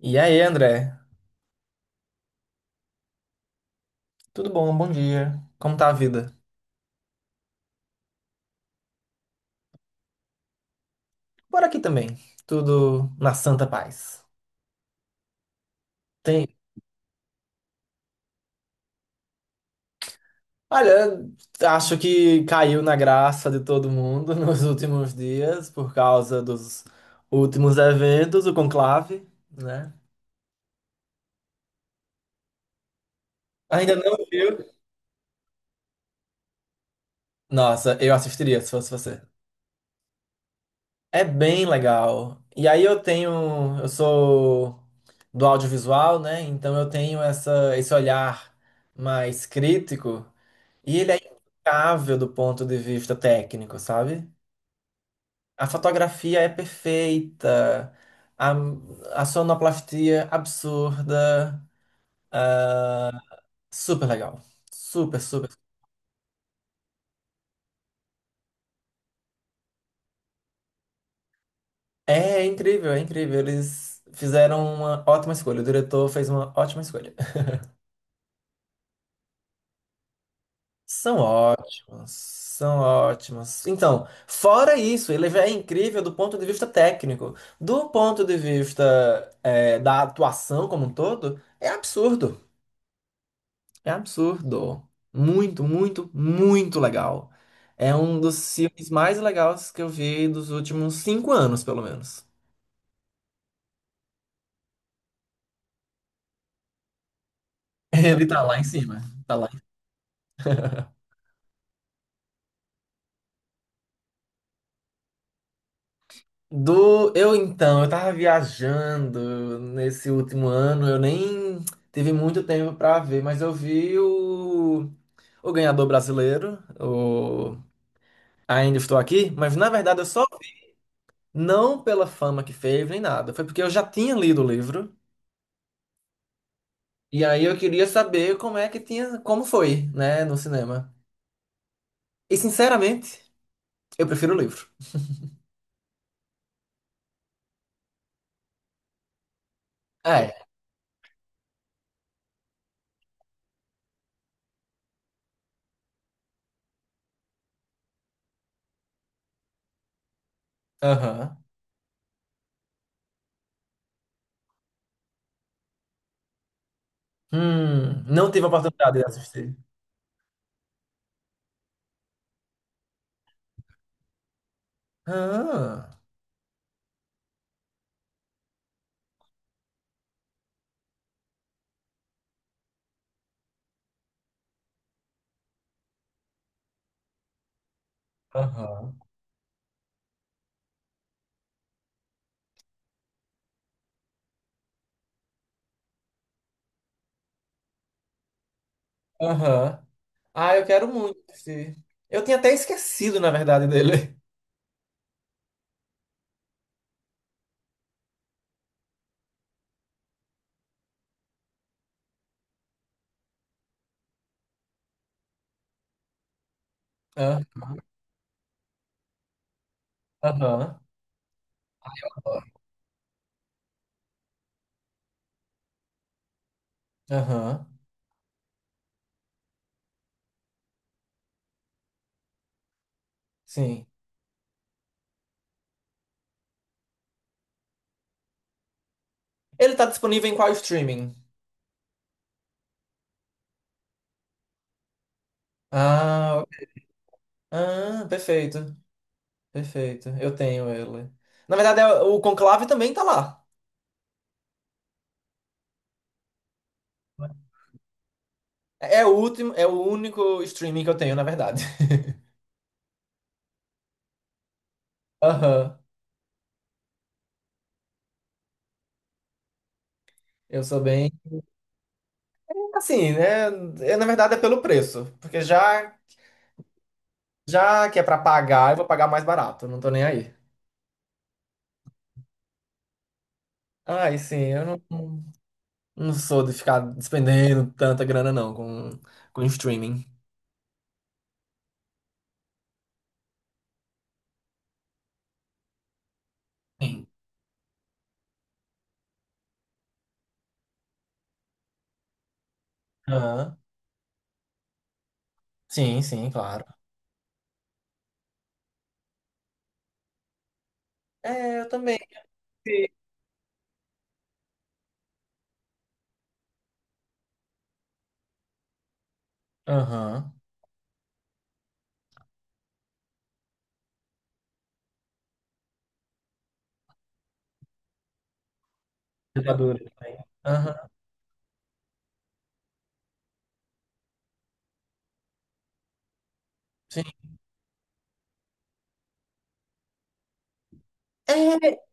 E aí, André? Tudo bom? Bom dia. Como tá a vida? Por aqui também. Tudo na santa paz. Tem. Olha, acho que caiu na graça de todo mundo nos últimos dias por causa dos últimos eventos, o conclave, né? Ainda não viu? Nossa, eu assistiria se fosse você. É bem legal. E aí eu sou do audiovisual, né? Então eu tenho esse olhar mais crítico. E ele é impecável do ponto de vista técnico, sabe? A fotografia é perfeita, a, a sonoplastia absurda, super legal. Super, super. É incrível, é incrível. Eles fizeram uma ótima escolha. O diretor fez uma ótima escolha. São ótimos, são ótimos. Então, fora isso, ele já é incrível do ponto de vista técnico. Do ponto de vista, da atuação como um todo, é absurdo. É absurdo. Muito, muito, muito legal. É um dos filmes mais legais que eu vi dos últimos 5 anos, pelo menos. Ele tá lá em cima. Tá lá. Do Eu então, eu tava viajando nesse último ano, eu nem tive muito tempo pra ver, mas eu vi o ganhador brasileiro, o Ainda Estou Aqui, mas na verdade eu só vi, não pela fama que fez nem nada, foi porque eu já tinha lido o livro. E aí eu queria saber como é que tinha, como foi, né, no cinema. E sinceramente, eu prefiro o livro. É. Aham. Não tive a oportunidade de assistir. Ah, aham. Aham. Ah, eu quero muito assistir. Eu tinha até esquecido, na verdade, dele. Ah. Aham. Aham. Sim. Ele tá disponível em qual streaming? Ah, ok. Ah, perfeito. Perfeito. Eu tenho ele. Na verdade, é o Conclave também tá lá. É o último, é o único streaming que eu tenho, na verdade. Aham. Eu sou bem. Assim, né? É, na verdade é pelo preço. Já que é pra pagar, eu vou pagar mais barato. Não tô nem aí. Ai, sim, eu não, não sou de ficar despendendo tanta grana, não, com streaming. Sim. Aham. Sim, sim, claro. É, eu também. Sim. Aham. Ditadura também. Aham. Sim. É,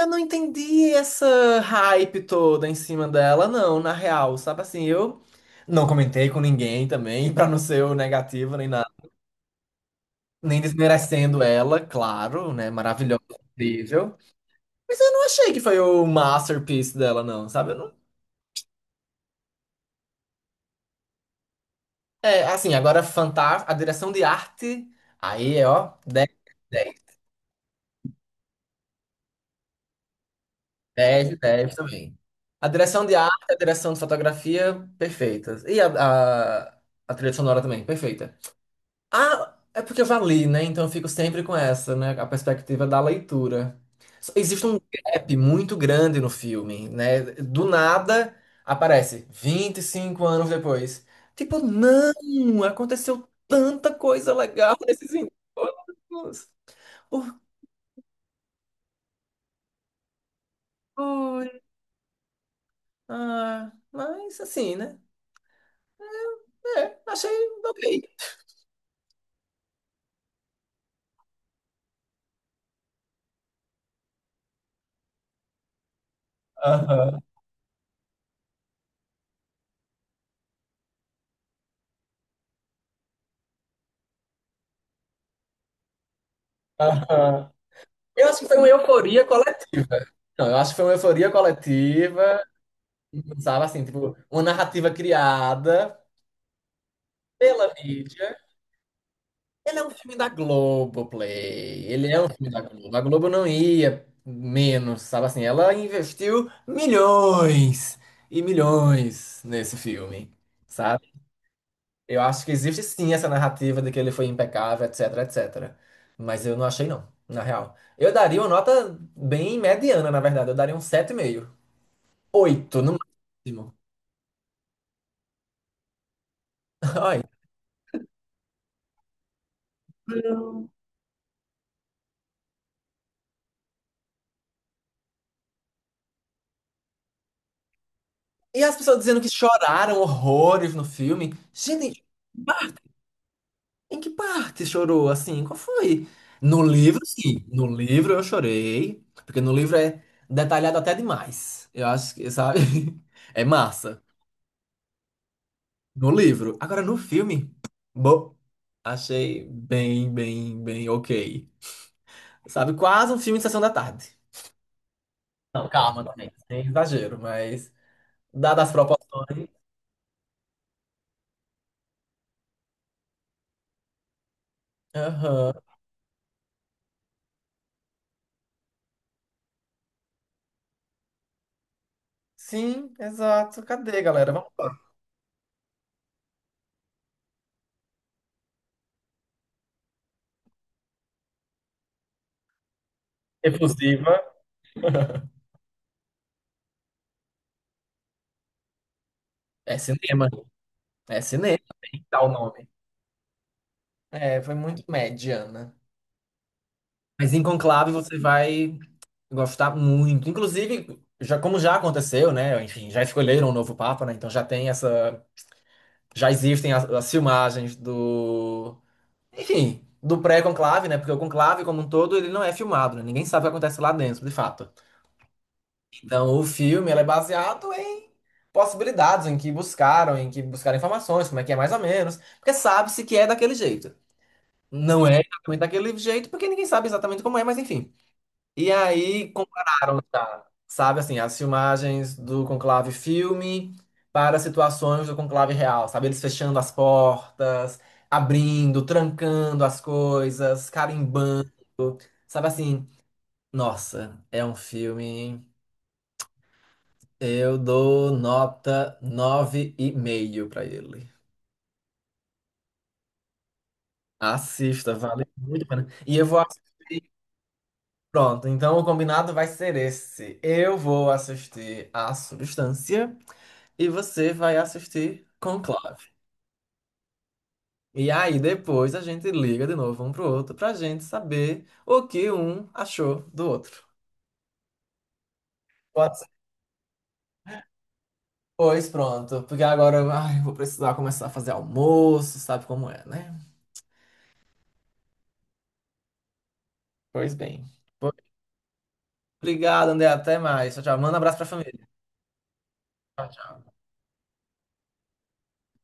eu não entendi essa hype toda em cima dela, não, na real, sabe assim, eu não comentei com ninguém também, pra não ser o negativo nem nada, nem desmerecendo ela, claro, né, maravilhosa, incrível, mas eu não achei que foi o masterpiece dela, não, sabe, eu não... É, assim, agora fantástico, a direção de arte, aí, é, ó, 10, dez, 10, 10 também. A direção de arte, a direção de fotografia, perfeitas, e a, a trilha sonora também, perfeita. Ah, é porque eu já li, né? Então eu fico sempre com essa, né? A perspectiva da leitura. Existe um gap muito grande no filme, né? Do nada aparece 25 anos depois. Tipo, não! Aconteceu tanta coisa legal nesses encontros. Orgulho. Ah, mas assim, né? É, achei ok. Aham, aham. Eu acho que foi uma euforia coletiva. Não, eu acho que foi uma euforia coletiva, sabe assim, tipo, uma narrativa criada pela mídia. Ele é um filme da Globoplay. Ele é um filme da Globo. A Globo não ia menos, sabe assim, ela investiu milhões e milhões nesse filme, sabe? Eu acho que existe sim essa narrativa de que ele foi impecável, etc, etc. Mas eu não achei não, na real. Eu daria uma nota bem mediana, na verdade. Eu daria um 7,5. Oito, no máximo. Ai. Não. E as pessoas dizendo que choraram horrores no filme. Gente, em que parte chorou assim? Qual foi? No livro, sim. No livro eu chorei, porque no livro é detalhado até demais. Eu acho que, sabe? É massa. No livro. Agora no filme, bom, achei bem, bem, bem ok. Sabe? Quase um filme de sessão da tarde. Não, calma, também. Sem exagero, mas dadas as proporções. Aham. Sim, exato. Cadê, galera? Vamos lá. Efusiva. É cinema. É cinema, tem que dar o nome. É, foi muito mediana. Mas em Conclave você vai gostar muito. Inclusive, já, como já aconteceu, né? Enfim, já escolheram o novo Papa, né? Então já tem essa. Já existem as filmagens do. Enfim, do pré-conclave, né? Porque o conclave, como um todo, ele não é filmado, né? Ninguém sabe o que acontece lá dentro, de fato. Então, o filme ele é baseado em possibilidades, em que buscaram informações, como é que é mais ou menos, porque sabe-se que é daquele jeito. Não é exatamente daquele jeito, porque ninguém sabe exatamente como é, mas enfim. E aí compararam, tá? Sabe assim, as filmagens do conclave filme para situações do conclave real, sabe? Eles fechando as portas, abrindo, trancando as coisas, carimbando, sabe assim? Nossa, é um filme. Eu dou nota 9,5 para ele. Assista, vale muito a pena. E eu vou assistir. Pronto, então o combinado vai ser esse. Eu vou assistir A Substância e você vai assistir Conclave. E aí depois a gente liga de novo um pro outro pra gente saber o que um achou do outro. Pode ser. Pois pronto, porque agora ai, eu vou precisar começar a fazer almoço, sabe como é, né? Pois bem. Obrigado, André. Até mais. Tchau, tchau. Manda um abraço pra família.